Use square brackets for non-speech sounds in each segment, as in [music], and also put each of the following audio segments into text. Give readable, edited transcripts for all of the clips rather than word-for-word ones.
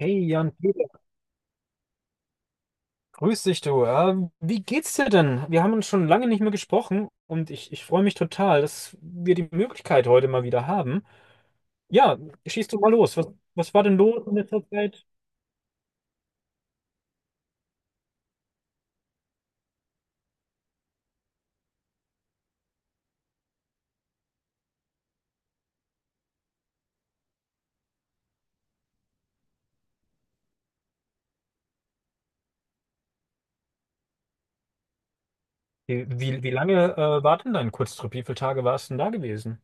Hey Jan-Peter, grüß dich du. Wie geht's dir denn? Wir haben uns schon lange nicht mehr gesprochen und ich freue mich total, dass wir die Möglichkeit heute mal wieder haben. Ja, schieß du mal los. Was war denn los in letzter Zeit? Wie lange war denn dein Kurztrip? Wie viele Tage warst du denn da gewesen?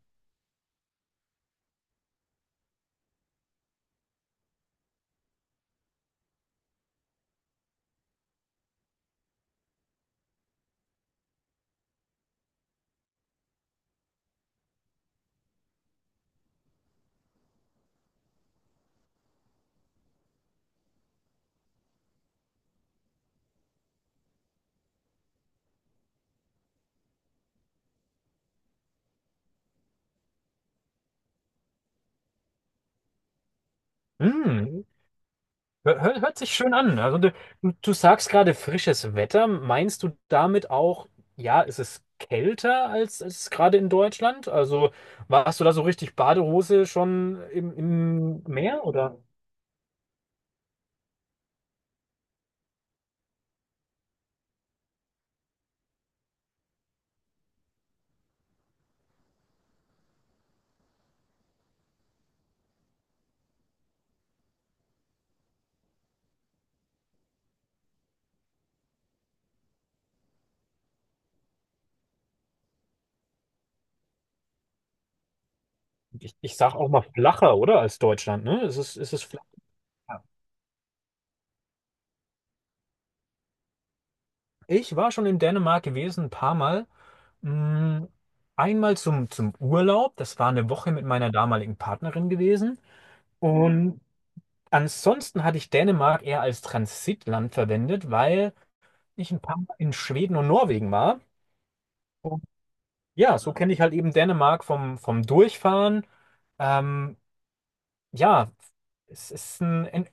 Hm, hört sich schön an. Also du sagst gerade frisches Wetter. Meinst du damit auch, ja, ist es ist kälter als es gerade in Deutschland? Also warst du da so richtig Badehose schon im Meer oder? Ich sag auch mal flacher, oder? Als Deutschland, ne? Es ist flacher. Ich war schon in Dänemark gewesen, ein paar Mal. Mm, einmal zum Urlaub. Das war eine Woche mit meiner damaligen Partnerin gewesen. Und ansonsten hatte ich Dänemark eher als Transitland verwendet, weil ich ein paar Mal in Schweden und Norwegen war. Und ja, so kenne ich halt eben Dänemark vom Durchfahren. Ähm, ja, es ist ein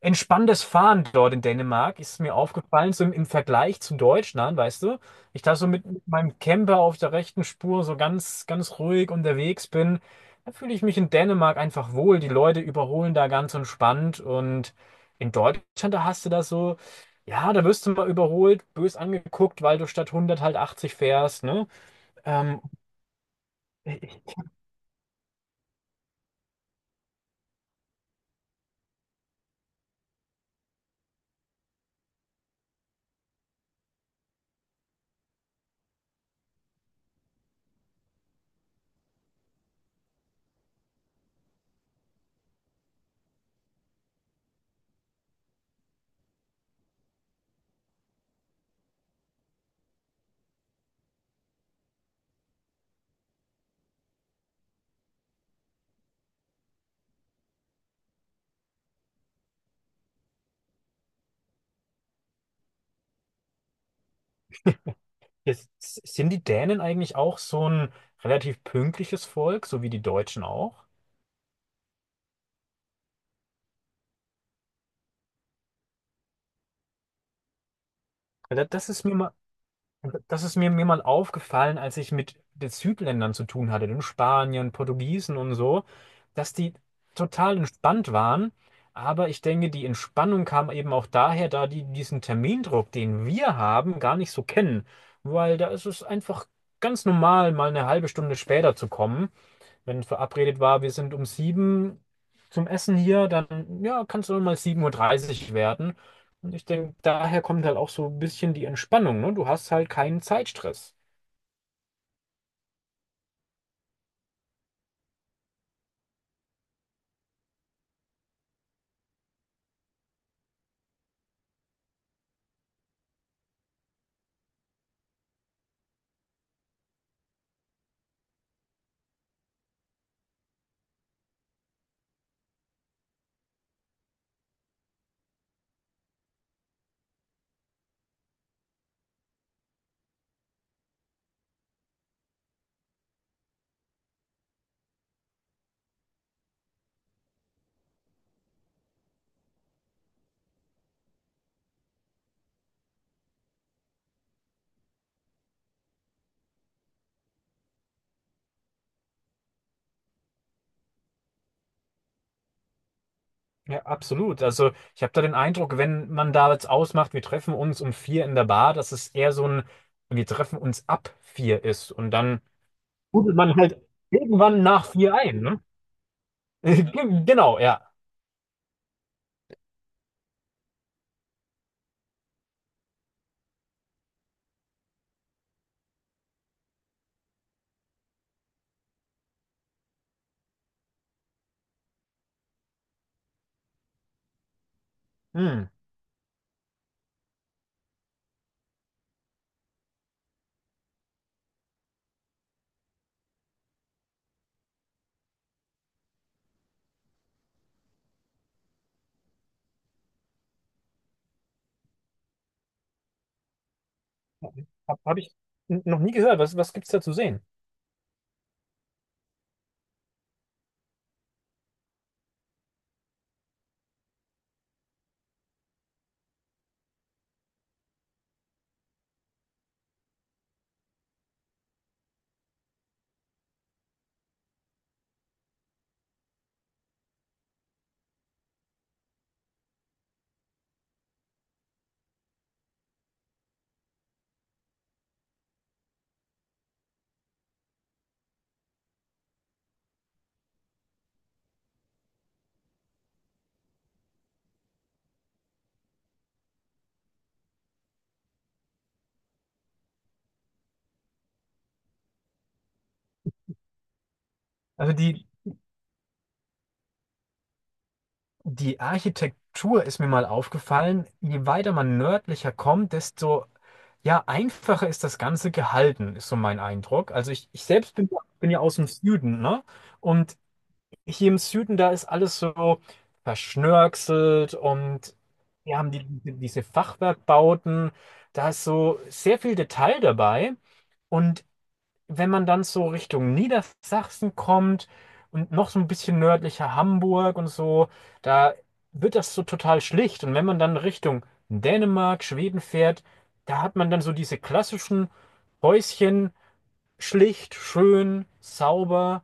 entspanntes Fahren dort in Dänemark ist mir aufgefallen, so im Vergleich zu Deutschland, weißt du? Ich da so mit meinem Camper auf der rechten Spur so ganz ruhig unterwegs bin, da fühle ich mich in Dänemark einfach wohl. Die Leute überholen da ganz entspannt und in Deutschland, da hast du das so, ja, da wirst du mal überholt, bös angeguckt, weil du statt 100 halt 80 fährst, ne? Ähm, jetzt, sind die Dänen eigentlich auch so ein relativ pünktliches Volk, so wie die Deutschen auch? Ja, das ist mir mal. Und das ist mir mal aufgefallen, als ich mit den Südländern zu tun hatte, den Spaniern, Portugiesen und so, dass die total entspannt waren. Aber ich denke, die Entspannung kam eben auch daher, da die diesen Termindruck, den wir haben, gar nicht so kennen. Weil da ist es einfach ganz normal, mal eine halbe Stunde später zu kommen. Wenn verabredet war, wir sind um sieben zum Essen hier, dann ja, kann es auch mal sieben Uhr dreißig werden. Und ich denke, daher kommt halt auch so ein bisschen die Entspannung, ne? Du hast halt keinen Zeitstress. Ja, absolut. Also ich habe da den Eindruck, wenn man da jetzt ausmacht, wir treffen uns um vier in der Bar, dass es eher so ein, wir treffen uns ab vier ist und dann rudelt man halt irgendwann nach vier ein, ne? [laughs] Genau, ja. Hm. Hab ich noch nie gehört. Was gibt's da zu sehen? Also die, Die Architektur ist mir mal aufgefallen. Je weiter man nördlicher kommt, desto ja, einfacher ist das Ganze gehalten, ist so mein Eindruck. Also ich selbst bin, bin ja aus dem Süden, ne? Und hier im Süden, da ist alles so verschnörkelt und wir haben diese Fachwerkbauten. Da ist so sehr viel Detail dabei. Und wenn man dann so Richtung Niedersachsen kommt und noch so ein bisschen nördlicher Hamburg und so, da wird das so total schlicht. Und wenn man dann Richtung Dänemark, Schweden fährt, da hat man dann so diese klassischen Häuschen, schlicht, schön, sauber.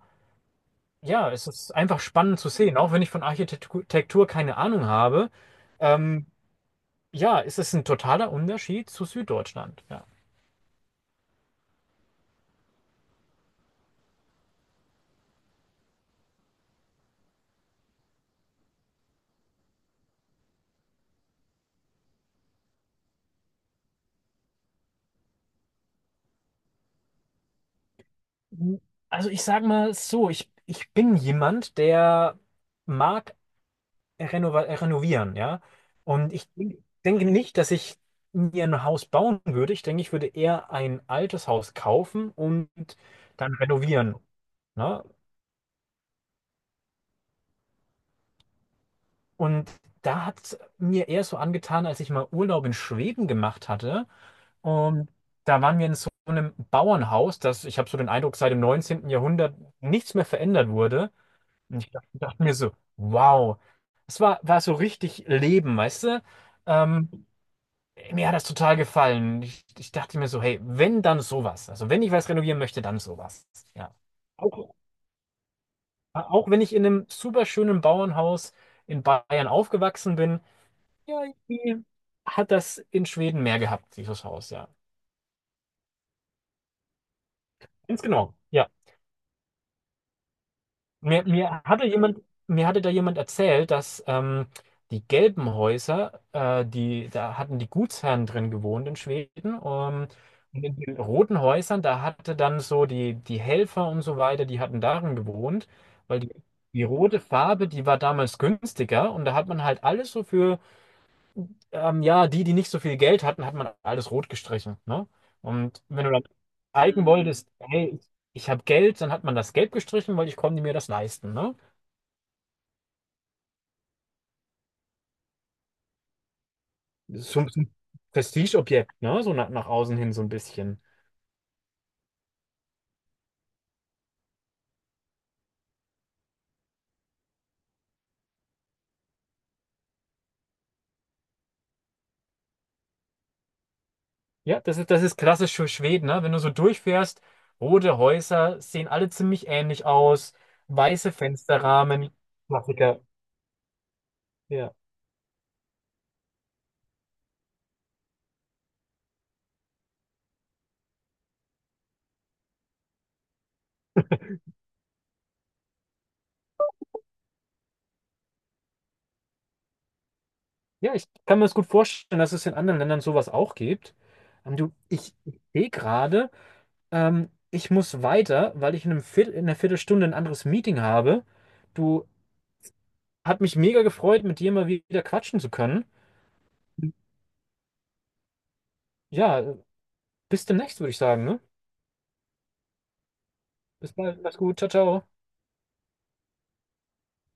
Ja, es ist einfach spannend zu sehen, auch wenn ich von Architektur keine Ahnung habe. Ähm, ja, es ist ein totaler Unterschied zu Süddeutschland. Ja. Hm, also ich sage mal so, ich bin jemand, der mag renovieren, ja. Und ich denke nicht, dass ich mir ein Haus bauen würde. Ich denke, ich würde eher ein altes Haus kaufen und dann renovieren. Ne? Und da hat es mir eher so angetan, als ich mal Urlaub in Schweden gemacht hatte. Und da waren wir in so einem Bauernhaus, das, ich habe so den Eindruck, seit dem neunzehnten Jahrhundert nichts mehr verändert wurde. Und ich dachte mir so, wow. War so richtig Leben, weißt du? Ähm, mir hat das total gefallen. Ich dachte mir so, hey, wenn dann sowas. Also wenn ich was renovieren möchte, dann sowas. Ja. Auch, auch wenn ich in einem super schönen Bauernhaus in Bayern aufgewachsen bin, ja, irgendwie hat das in Schweden mehr gehabt, dieses Haus, ja. Ganz genau. Ja. Mir, mir hatte jemand, mir hatte da jemand erzählt, dass die gelben Häuser, da hatten die Gutsherren drin gewohnt in Schweden. Und in den roten Häusern, da hatte dann so die Helfer und so weiter, die hatten darin gewohnt, weil die rote Farbe, die war damals günstiger und da hat man halt alles so für ja, die nicht so viel Geld hatten, hat man alles rot gestrichen. Ne? Und wenn du dann zeigen Hm. wolltest, hey, ich habe Geld, dann hat man das gelb gestrichen, weil ich konnte mir das leisten. Ne? Das ist so ein bisschen Prestigeobjekt, ne? So nach außen hin so ein bisschen. Ja, das ist klassisch für Schweden, ne? Wenn du so durchfährst, rote Häuser sehen alle ziemlich ähnlich aus, weiße Fensterrahmen, Klassiker. Ja. Ja, ich kann mir das gut vorstellen, dass es in anderen Ländern sowas auch gibt. Du, ich sehe gerade. Ich muss weiter, weil ich in einem Viertelstunde ein anderes Meeting habe. Du, hat mich mega gefreut, mit dir mal wieder quatschen zu können. Ja, bis demnächst, würde ich sagen, ne? Bis bald, mach's gut, ciao, ciao.